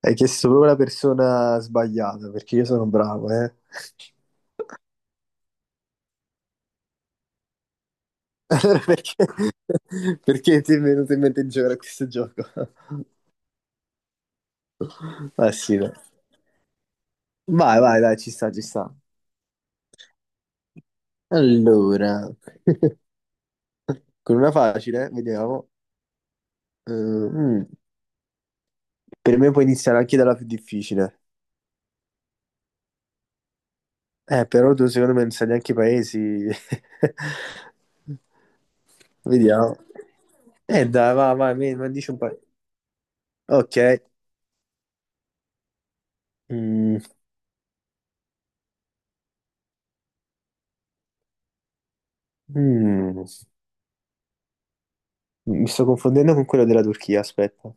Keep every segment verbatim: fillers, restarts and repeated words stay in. Hai chiesto proprio la persona sbagliata, perché io sono bravo, eh. Allora perché, perché ti è venuto in mente di giocare a questo gioco? Ah sì, dai. Vai, vai, dai, ci sta, ci sta. Allora, con una facile, vediamo. Eh, mm, per me puoi iniziare anche dalla più difficile. Eh, però tu secondo me non sai neanche i paesi. Vediamo. Eh, dai, vai, vai, mi, mi dici un paio. Ok. Mm, mm. Mi sto confondendo con quello della Turchia, aspetta.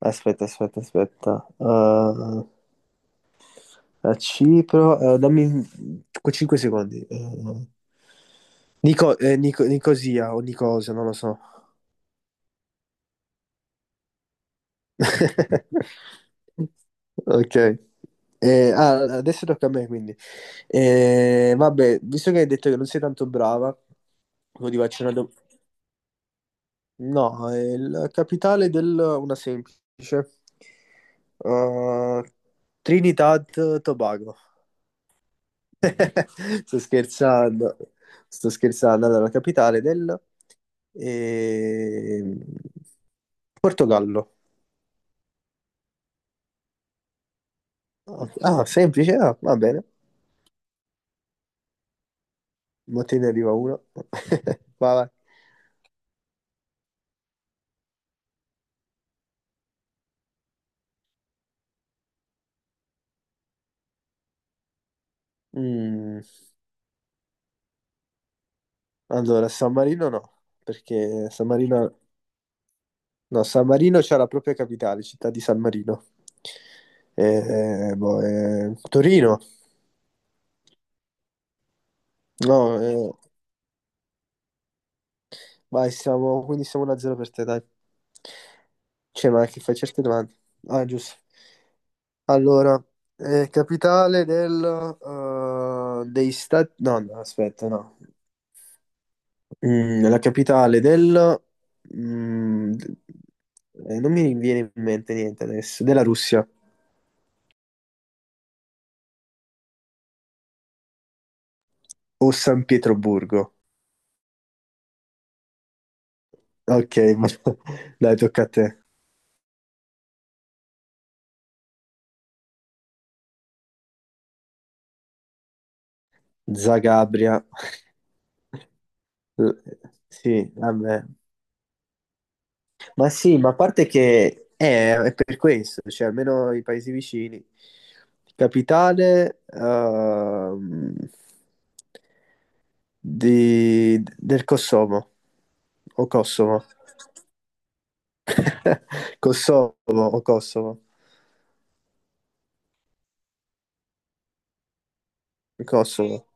Aspetta, aspetta, aspetta. Uh, a Cipro, uh, dammi cinque secondi. Uh, Nico, eh, Nico- Nicosia o Nicosia, non lo so. Ok. Eh, ah, adesso tocca a me, quindi. Eh, vabbè, visto che hai detto che non sei tanto brava, io ti faccio una domanda. No, è la capitale del... una semplice. Uh, Trinidad Tobago. Sto scherzando, sto scherzando. Allora, la capitale del ehm, Portogallo. Ok. Ah, semplice, ah, va bene. Ma te ne arriva uno. Vai, vai. Mm, allora, San Marino no, perché San Marino... No, San Marino c'ha la propria capitale, città di San Marino. Eh, eh, boh, eh, Torino. No, eh, vai, siamo, quindi siamo uno a zero per te, dai. Cioè, ma che fai certe domande? Ah, giusto. Allora, eh, capitale del, eh, dei stati... No, no, aspetta, no. Mm, la capitale del... mm, d- eh, non mi viene in mente niente adesso. Della Russia. O San Pietroburgo. Ok, dai, tocca a te. Zagabria. L- Sì, vabbè. Ma sì, ma a parte che eh, è per questo, cioè almeno i paesi vicini. Capitale ehm, di- del Kosovo o Kosovo. Kosovo o Kosovo. Kosovo.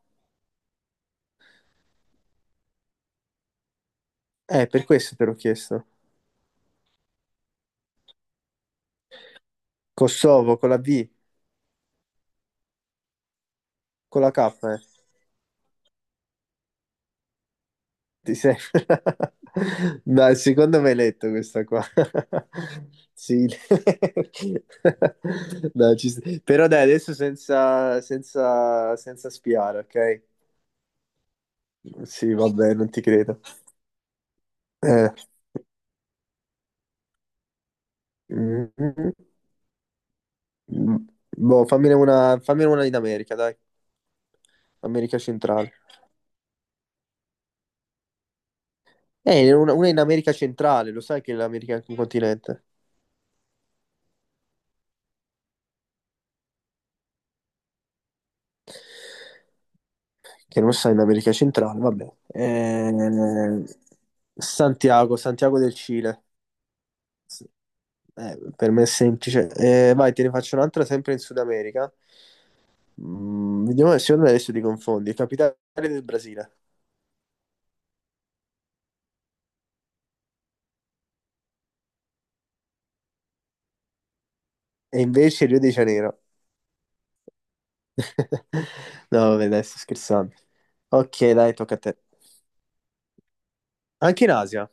Eh, per questo te l'ho chiesto. Kosovo con la V, con la K. Eh. Ti sei... Dai, secondo me hai letto questa qua. Sì. Dai, ci sta. Però dai, adesso senza, senza, senza spiare, ok? Sì, vabbè, non ti credo. Eh. Mm. Boh, fammine una, fammine una in America, dai. America centrale. Eh, una, una in America centrale, lo sai che l'America è anche un continente. Che non sta in America centrale, vabbè. Eh, Santiago, Santiago del Cile. Eh, per me è semplice. Eh, vai, te ne faccio un'altra sempre in Sud America. Mm, vediamo se secondo me adesso ti confondi. Capitale del Brasile. E invece Rio de Janeiro. No, vabbè, dai, sto scherzando. Ok, dai, tocca a te. Anche in Asia.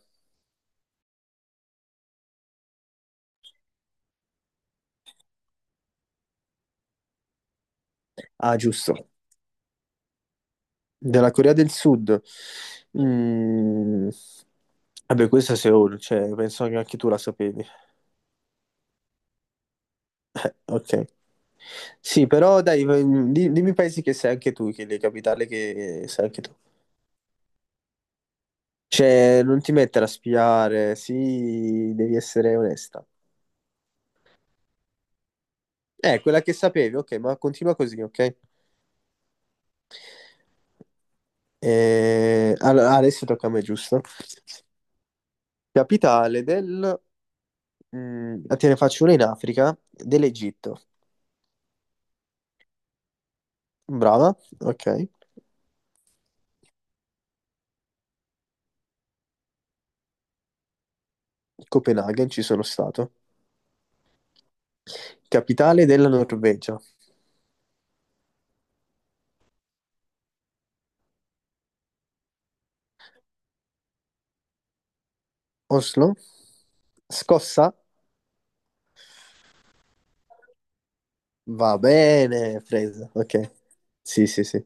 Ah, giusto. Della Corea del Sud. Mm, Vabbè, questa è Seoul, cioè, penso che anche tu la sapevi. Ok. Sì, però dai, v- di- dimmi i paesi che sei anche tu, che le capitali che sei anche tu. Cioè, non ti mettere a spiare, sì, devi essere onesta. Eh, quella che sapevi, ok, ma continua così, ok? Eh, allora, adesso tocca a me, giusto? Capitale del... mm, te ne faccio una in Africa, dell'Egitto. Brava, ok. Copenaghen, ci sono stato. Capitale della Norvegia. Oslo. Scossa. Va bene, presa, ok. Sì, sì, sì.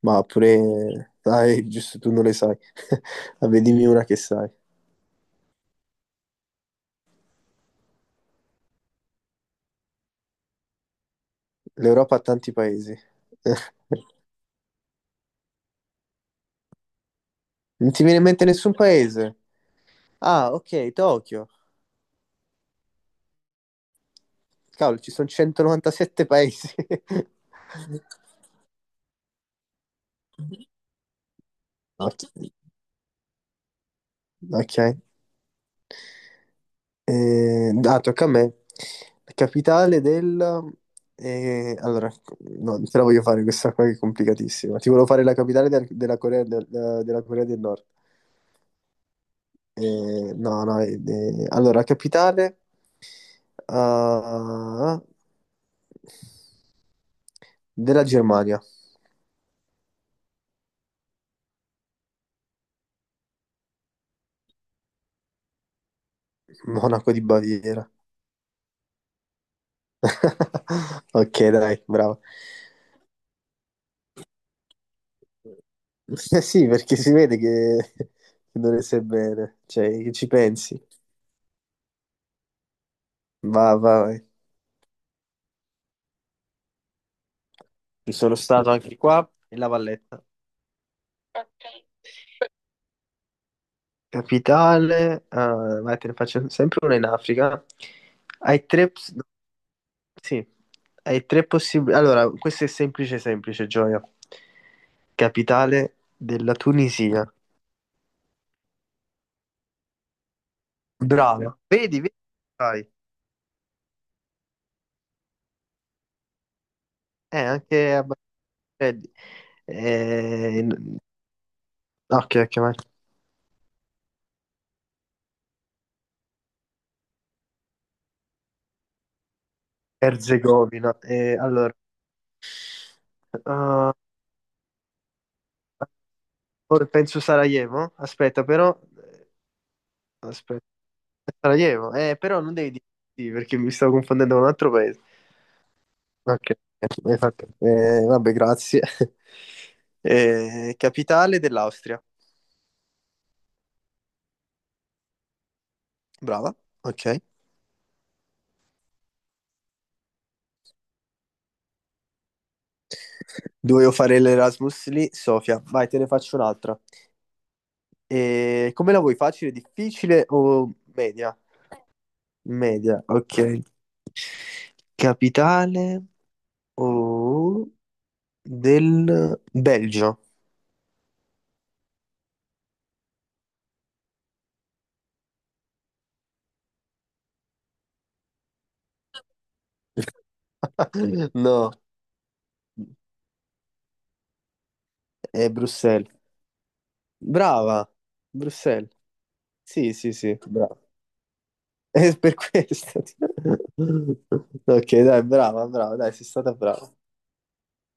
Ma pure... Dai, giusto, tu non le sai. Vabbè, dimmi una che sai. L'Europa ha tanti paesi. Non ti viene in mente nessun paese? Ah, ok, Tokyo. Cavolo, ci sono centonovantasette paesi. Ok. Ok. Eh, ah, tocca a me. La capitale del... eh, allora, no, te la voglio fare questa qua che è complicatissima. Ti volevo fare la capitale del- della Corea del, della Corea del Nord. Eh, no, no, eh, eh, allora, la capitale ah, della Germania. Monaco di Baviera. Ok, dai, bravo. Eh sì, perché si vede che, che non ne sai bene, cioè, che ci pensi. Va, va, vai. Ci sono stato anche qua in La Valletta. Capitale, ah, vai, te ne faccio sempre una in Africa. Hai tre, ps- sì, hai tre possibili. Allora, questo è semplice, semplice, Gioia. Capitale della Tunisia. Brava. Vedi, vedi, vai. Eh, anche a Baghdad. Eh, n- ok, ok, vai. Erzegovina. Eh, allora, ah, ora penso Sarajevo. Aspetta, però, eh, aspetta. Sarajevo, eh, però non devi dire sì perché mi stavo confondendo con un altro paese. Ok, hai fatto- eh, vabbè, grazie. Eh, capitale dell'Austria. Brava, ok. Dovevo fare l'Erasmus lì, Sofia. Vai, te ne faccio un'altra. Eh, come la vuoi? Facile, difficile o media? Media, ok. Capitale o del Belgio? No, è Bruxelles. Brava, Bruxelles. Sì, sì, sì, brava. È per questo. Ok, dai, brava, brava, dai, sei stata brava.